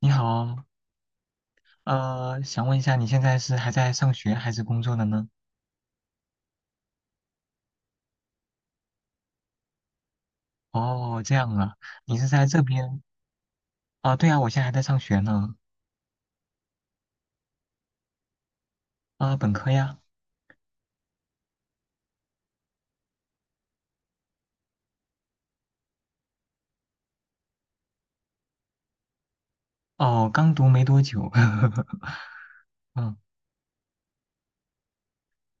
你好，想问一下，你现在是还在上学还是工作的呢？哦，这样啊，你是在这边啊？对啊，我现在还在上学呢。啊，本科呀。哦，刚读没多久。嗯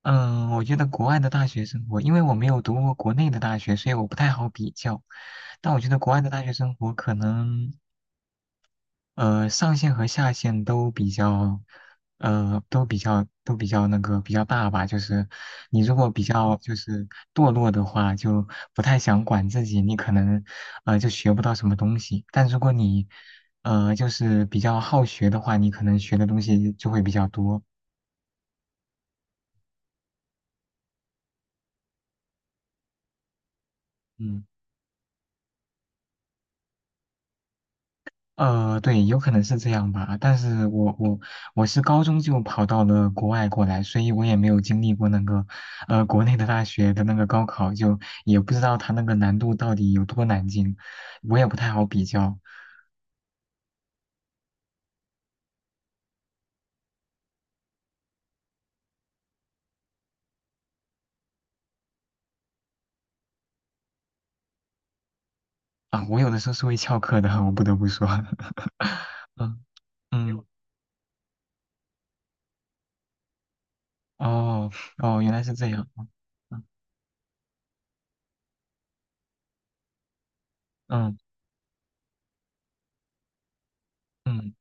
嗯，我觉得国外的大学生活，因为我没有读过国内的大学，所以我不太好比较。但我觉得国外的大学生活可能。上限和下限都比较，那个比较大吧。就是你如果比较就是堕落的话，就不太想管自己，你可能就学不到什么东西。但如果你就是比较好学的话，你可能学的东西就会比较多。嗯。对，有可能是这样吧，但是我是高中就跑到了国外过来，所以我也没有经历过那个，国内的大学的那个高考，就也不知道它那个难度到底有多难进，我也不太好比较啊。我有的时候是会翘课的，我不得不说。嗯嗯，哦哦，原来是这样。嗯嗯嗯，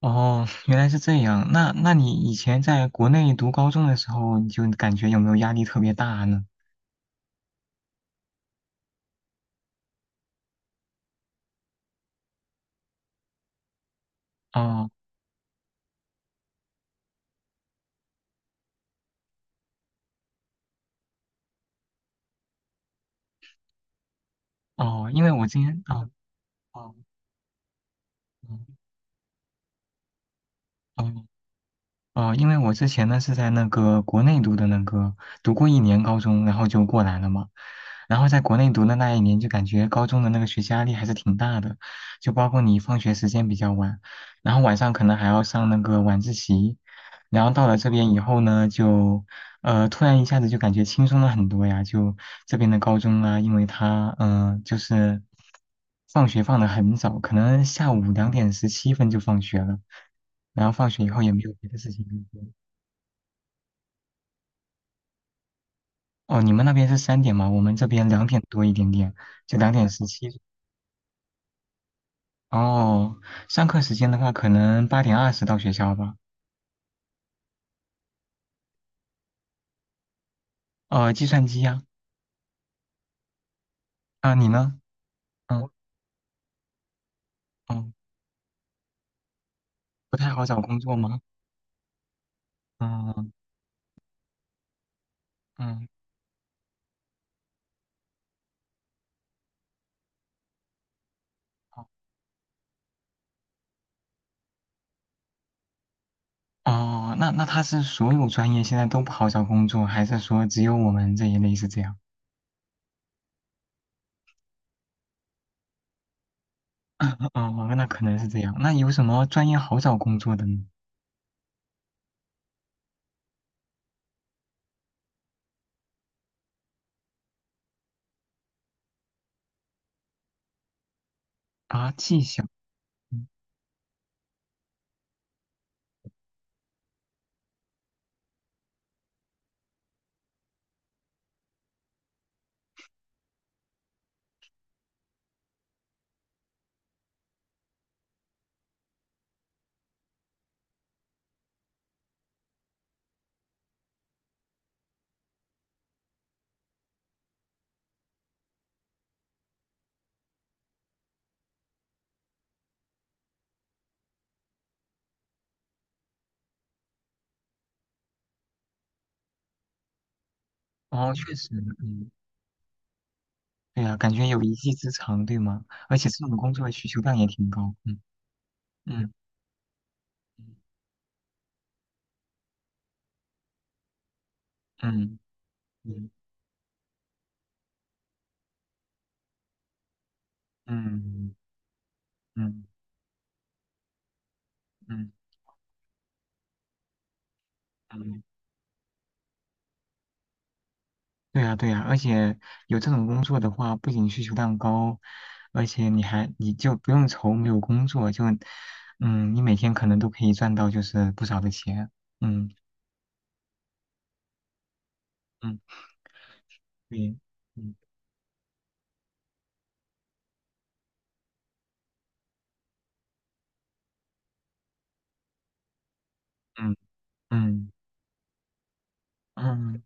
哦，原来是这样。那你以前在国内读高中的时候，你就感觉有没有压力特别大呢？哦哦，因为我今天，哦哦哦哦，哦，因为我之前呢是在那个国内读的那个，读过一年高中，然后就过来了嘛。然后在国内读的那一年，就感觉高中的那个学习压力还是挺大的，就包括你放学时间比较晚，然后晚上可能还要上那个晚自习。然后到了这边以后呢，就突然一下子就感觉轻松了很多呀。就这边的高中啊，因为他就是放学放得很早，可能下午2点17分就放学了。然后放学以后也没有别的事情可以做。哦，你们那边是3点吗？我们这边2点多一点点，就两点十七。哦，上课时间的话，可能8点20到学校吧。计算机呀。啊，你呢？嗯嗯，不太好找工作吗？嗯嗯。哦，那他是所有专业现在都不好找工作，还是说只有我们这一类是这样？哦，那可能是这样。那有什么专业好找工作的呢？啊，技校。嗯哦，确实。嗯对呀，感觉有一技之长，对吗？而且这种工作的需求量也挺高。嗯嗯嗯嗯嗯嗯嗯嗯，对呀对呀，而且有这种工作的话，不仅需求量高，而且你就不用愁没有工作，就嗯，你每天可能都可以赚到就是不少的钱。嗯嗯，对。嗯嗯嗯嗯，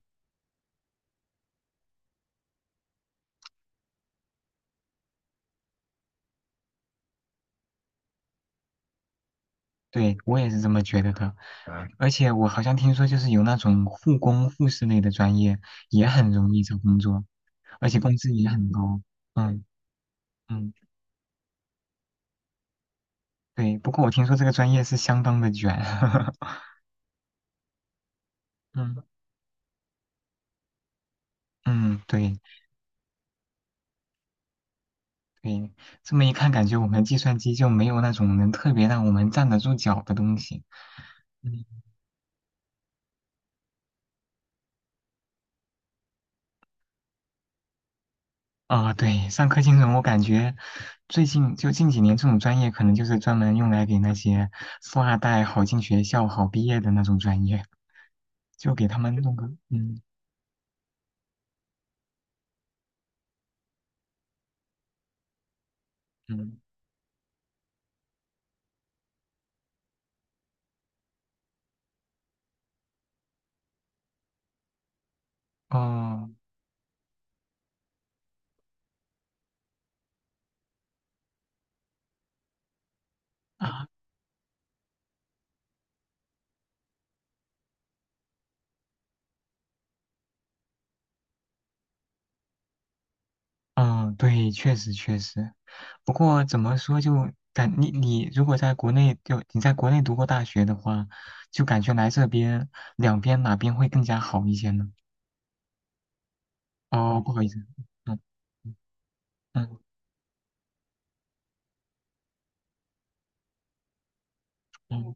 对，我也是这么觉得的。而且我好像听说，就是有那种护工、护士类的专业也很容易找工作，而且工资也很高。嗯嗯，对。不过我听说这个专业是相当的卷。嗯嗯，对对。这么一看，感觉我们计算机就没有那种能特别让我们站得住脚的东西。嗯啊，对，上课金融，我感觉最近就近几年这种专业，可能就是专门用来给那些富二代好进学校、好毕业的那种专业，就给他们弄个。嗯，哦，啊嗯，对，确实确实。不过怎么说就感你你如果在国内就你在国内读过大学的话，就感觉来这边两边哪边会更加好一些呢？哦，不好意思。嗯嗯嗯，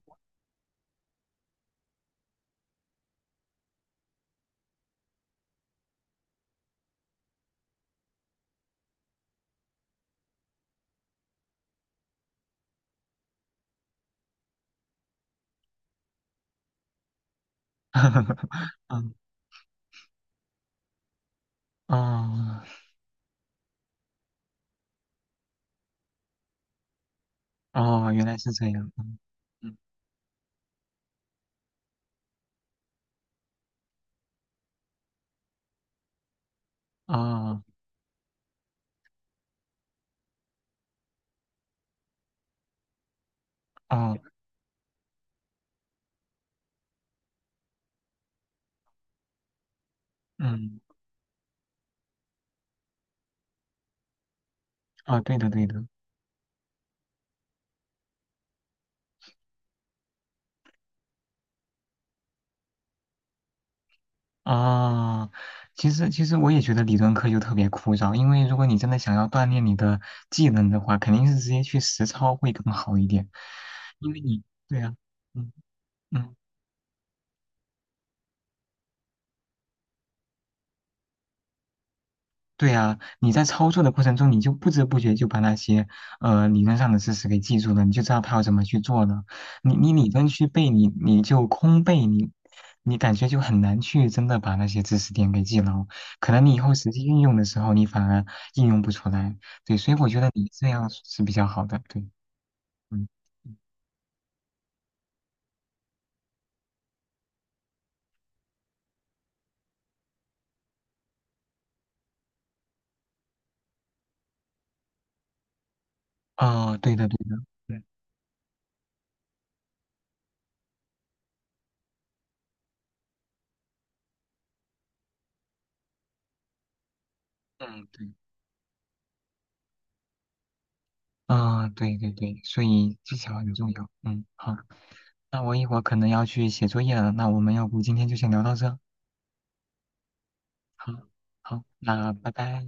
嗯哦哦，原来是这样。嗯哦哦嗯哦，对的对的。啊，其实我也觉得理论课就特别枯燥，因为如果你真的想要锻炼你的技能的话，肯定是直接去实操会更好一点。因为你，对呀，嗯嗯。对啊，你在操作的过程中，你就不知不觉就把那些理论上的知识给记住了，你就知道它要怎么去做了。你理论去背，你就空背，你感觉就很难去真的把那些知识点给记牢。可能你以后实际运用的时候，你反而应用不出来。对，所以我觉得你这样是比较好的。对，嗯，啊，对的，对的，对，嗯，对，啊，对对对，所以技巧很重要。嗯，好。那我一会儿可能要去写作业了，那我们要不今天就先聊到这？好。好，那拜拜。